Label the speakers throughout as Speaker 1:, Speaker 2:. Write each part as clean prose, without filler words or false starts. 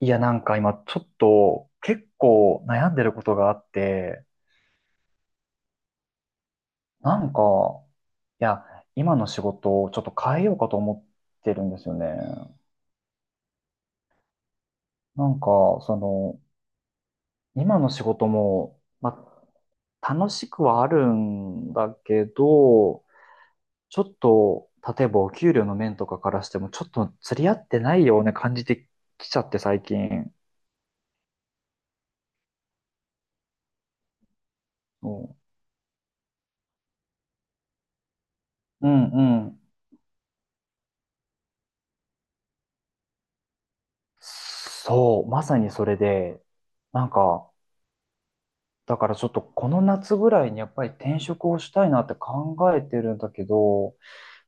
Speaker 1: いや、今ちょっと結構悩んでることがあって、なんか、いや、今の仕事をちょっと変えようかと思ってるんですよね。なんか、その、今の仕事も、まあ、楽しくはあるんだけど、ちょっと、例えばお給料の面とかからしても、ちょっと釣り合ってないような感じてきちゃって最近。うんうんうん。そう、まさにそれで、なんか、だからちょっとこの夏ぐらいにやっぱり転職をしたいなって考えてるんだけど、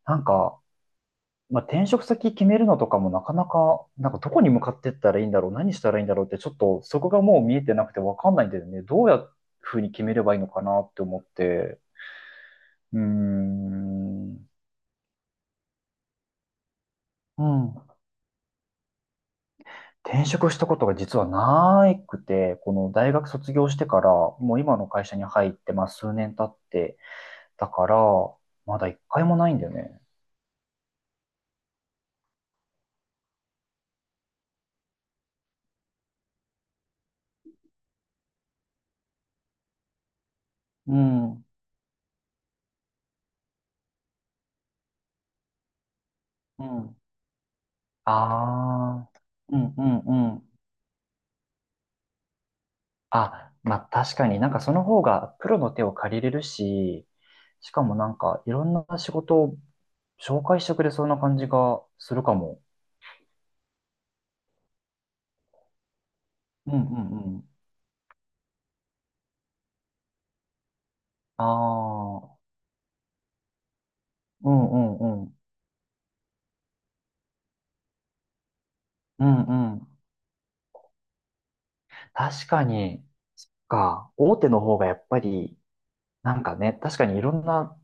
Speaker 1: なんか、まあ、転職先決めるのとかもなかなか、どこに向かってったらいいんだろう、何したらいいんだろうってちょっとそこがもう見えてなくてわかんないんだよね。どうやっふうに決めればいいのかなって思って。うーん。うん。転職したことが実はなくて、この大学卒業してから、もう今の会社に入って、まあ数年経って、だから、まだ一回もないんだよね。うん。うん。ああ、うんうんうん。あ、まあ確かにその方がプロの手を借りれるし、しかもいろんな仕事を紹介してくれそうな感じがするかも。うんうんうん。ああ、うんうんうん。うんうん。確かに、大手の方がやっぱり、確かにいろんな、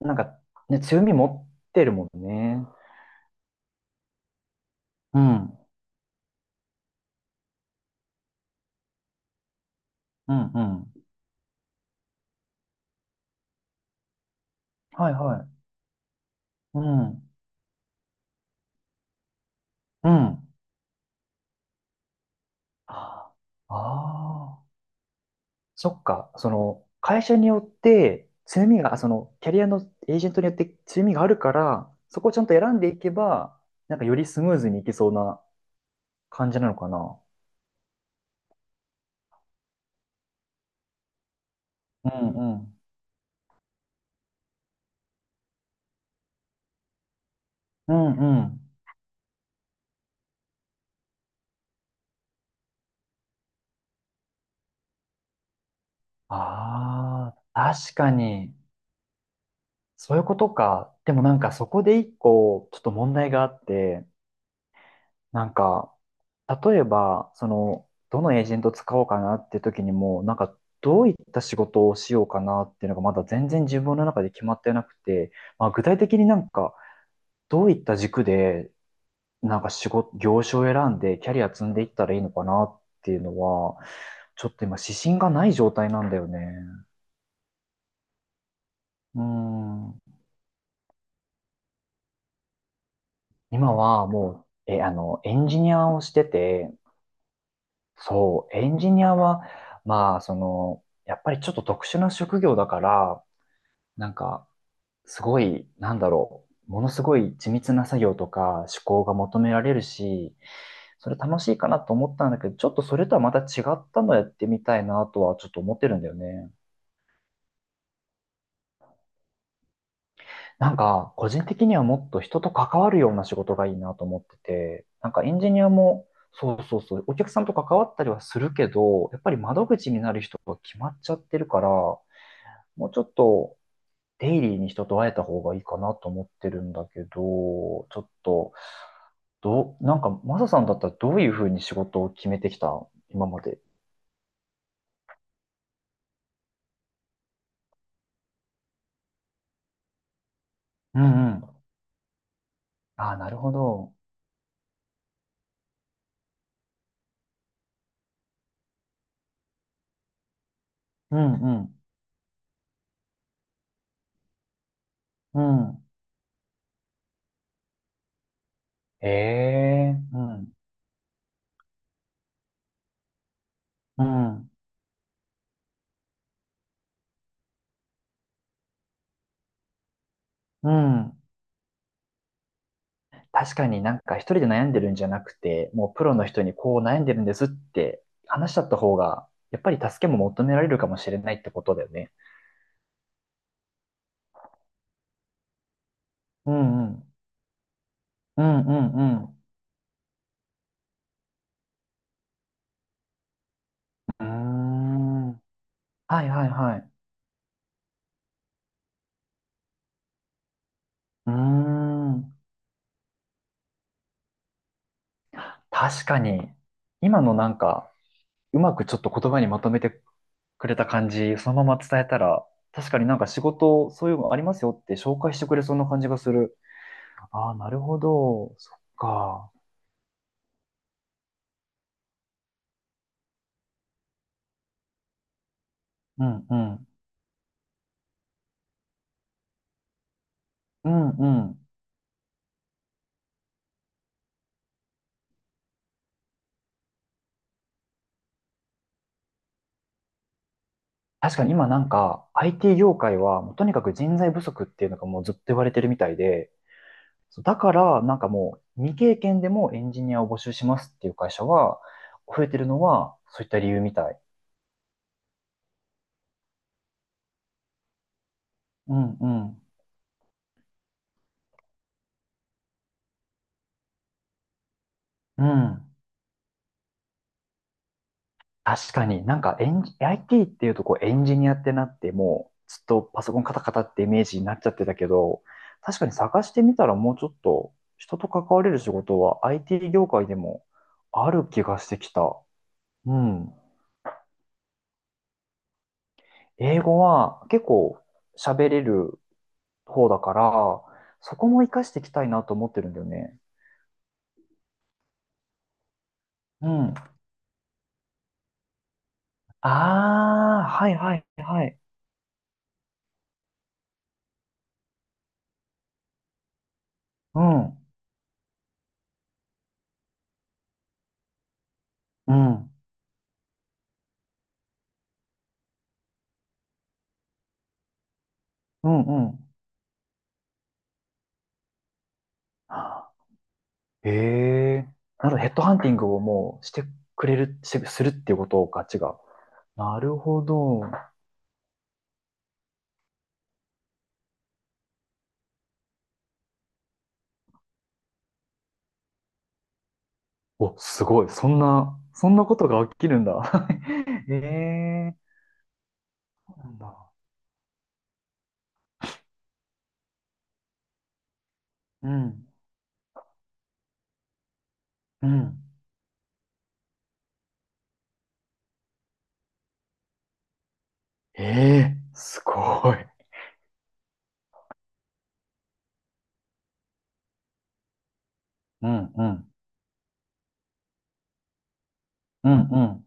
Speaker 1: なんかね、強み持ってるもんね。うん、うんうん。はいはい。うん、うん。ああー、そっか。その、会社によって、強みが、その、キャリアのエージェントによって強みがあるから、そこをちゃんと選んでいけば、よりスムーズにいけそうな感じなのかな。うんうん。うんうん。ああ、確かに。そういうことか。でもそこで一個、ちょっと問題があって、なんか、例えば、その、どのエージェント使おうかなって時にも、どういった仕事をしようかなっていうのがまだ全然自分の中で決まってなくて、まあ、具体的にどういった軸で、仕事、業種を選んでキャリア積んでいったらいいのかなっていうのは、ちょっと今指針がない状態なんだよね。うん。今はもう、え、あの、エンジニアをしてて、そう、エンジニアは、まあ、その、やっぱりちょっと特殊な職業だから、なんか、すごい、なんだろう、ものすごい緻密な作業とか思考が求められるし、それ楽しいかなと思ったんだけど、ちょっとそれとはまた違ったのやってみたいなとはちょっと思ってるんだよね。個人的にはもっと人と関わるような仕事がいいなと思ってて、エンジニアも、そうそうそう、お客さんと関わったりはするけど、やっぱり窓口になる人が決まっちゃってるから、もうちょっとデイリーに人と会えた方がいいかなと思ってるんだけど、ちょっと、どう、マサさんだったらどういうふうに仕事を決めてきた今まで？うんうん。ああ、なるほど。うんうん。うん。ええ、うん。うん。うん。確かに一人で悩んでるんじゃなくて、もうプロの人にこう悩んでるんですって話しちゃった方が、やっぱり助けも求められるかもしれないってことだよね。うんうん。うんうんうん。うーん。はいはいはい。うーん。確かに。今のうまくちょっと言葉にまとめてくれた感じ、そのまま伝えたら、確かに仕事、そういうのありますよって紹介してくれそうな感じがする。ああ、なるほど。そっか。うんうん。うんうん。確かに今IT 業界はもうとにかく人材不足っていうのがもうずっと言われてるみたいで、そうだからもう未経験でもエンジニアを募集しますっていう会社は増えてるのはそういった理由みたい。うんうん。うん。確かになんかエンジ、IT っていうとこうエンジニアってなってもうずっとパソコンカタカタってイメージになっちゃってたけど、確かに探してみたらもうちょっと人と関われる仕事は IT 業界でもある気がしてきた。うん。英語は結構喋れる方だから、そこも活かしていきたいなと思ってるんだよね。うん。ああ、はいはいはい。うん。うん。うんうん。ええなるほど、ヘッドハンティングをもうしてくれる、してするっていうことをガチが違う。なるほど。お、すごい。そんな、そんなことが起きるんだ。ええそうなんだ。うん、うん。ええすごい。うん、うん、うん、うん。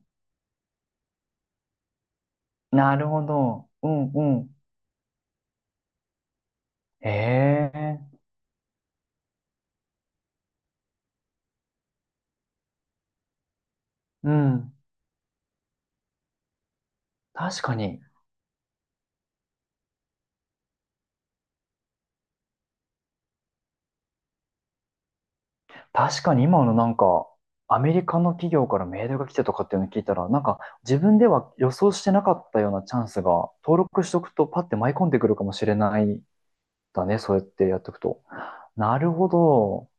Speaker 1: なるほど。うん、うん。ええうん。確かに。確かに今のアメリカの企業からメールが来てとかっていうのを聞いたら、自分では予想してなかったようなチャンスが、登録しとくとパッて舞い込んでくるかもしれないだね、そうやってやっておくと。なるほど。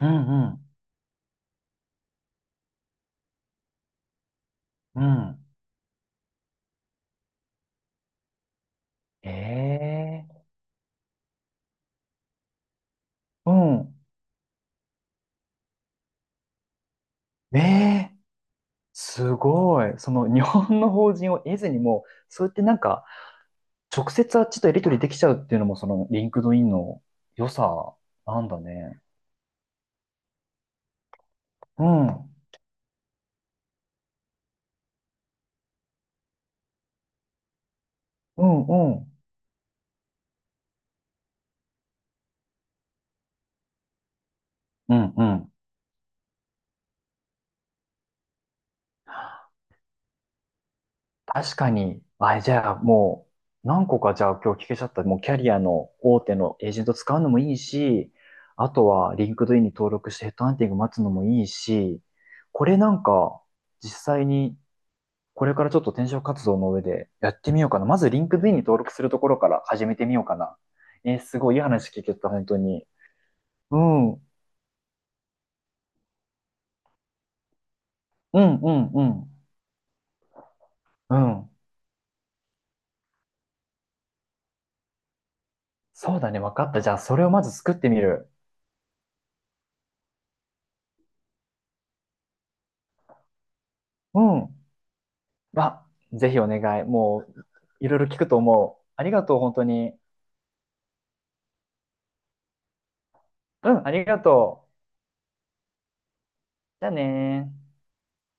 Speaker 1: うんうん。うん。ええうん。ええすごい。その日本の法人を得ずにもう、そうやって直接あっちとやり取りできちゃうっていうのも、そのリンクドインの良さなんだね。うん。うんうん。うんうん。確かに。あ、じゃあもう、何個かじゃあ今日聞けちゃった。もうキャリアの大手のエージェント使うのもいいし、あとはリンクドインに登録してヘッドハンティング待つのもいいし、これ実際にこれからちょっと転職活動の上でやってみようかな。まずリンクドインに登録するところから始めてみようかな。えーすごいいい話聞けた、本当に。うん、うん、うん、うん。うん。そうだね、分かった。じゃあそれをまず作ってみる。うん。あ、ぜひお願い。もう、いろいろ聞くと思う。ありがとう、本当に。うん、ありがとう。じゃあねー。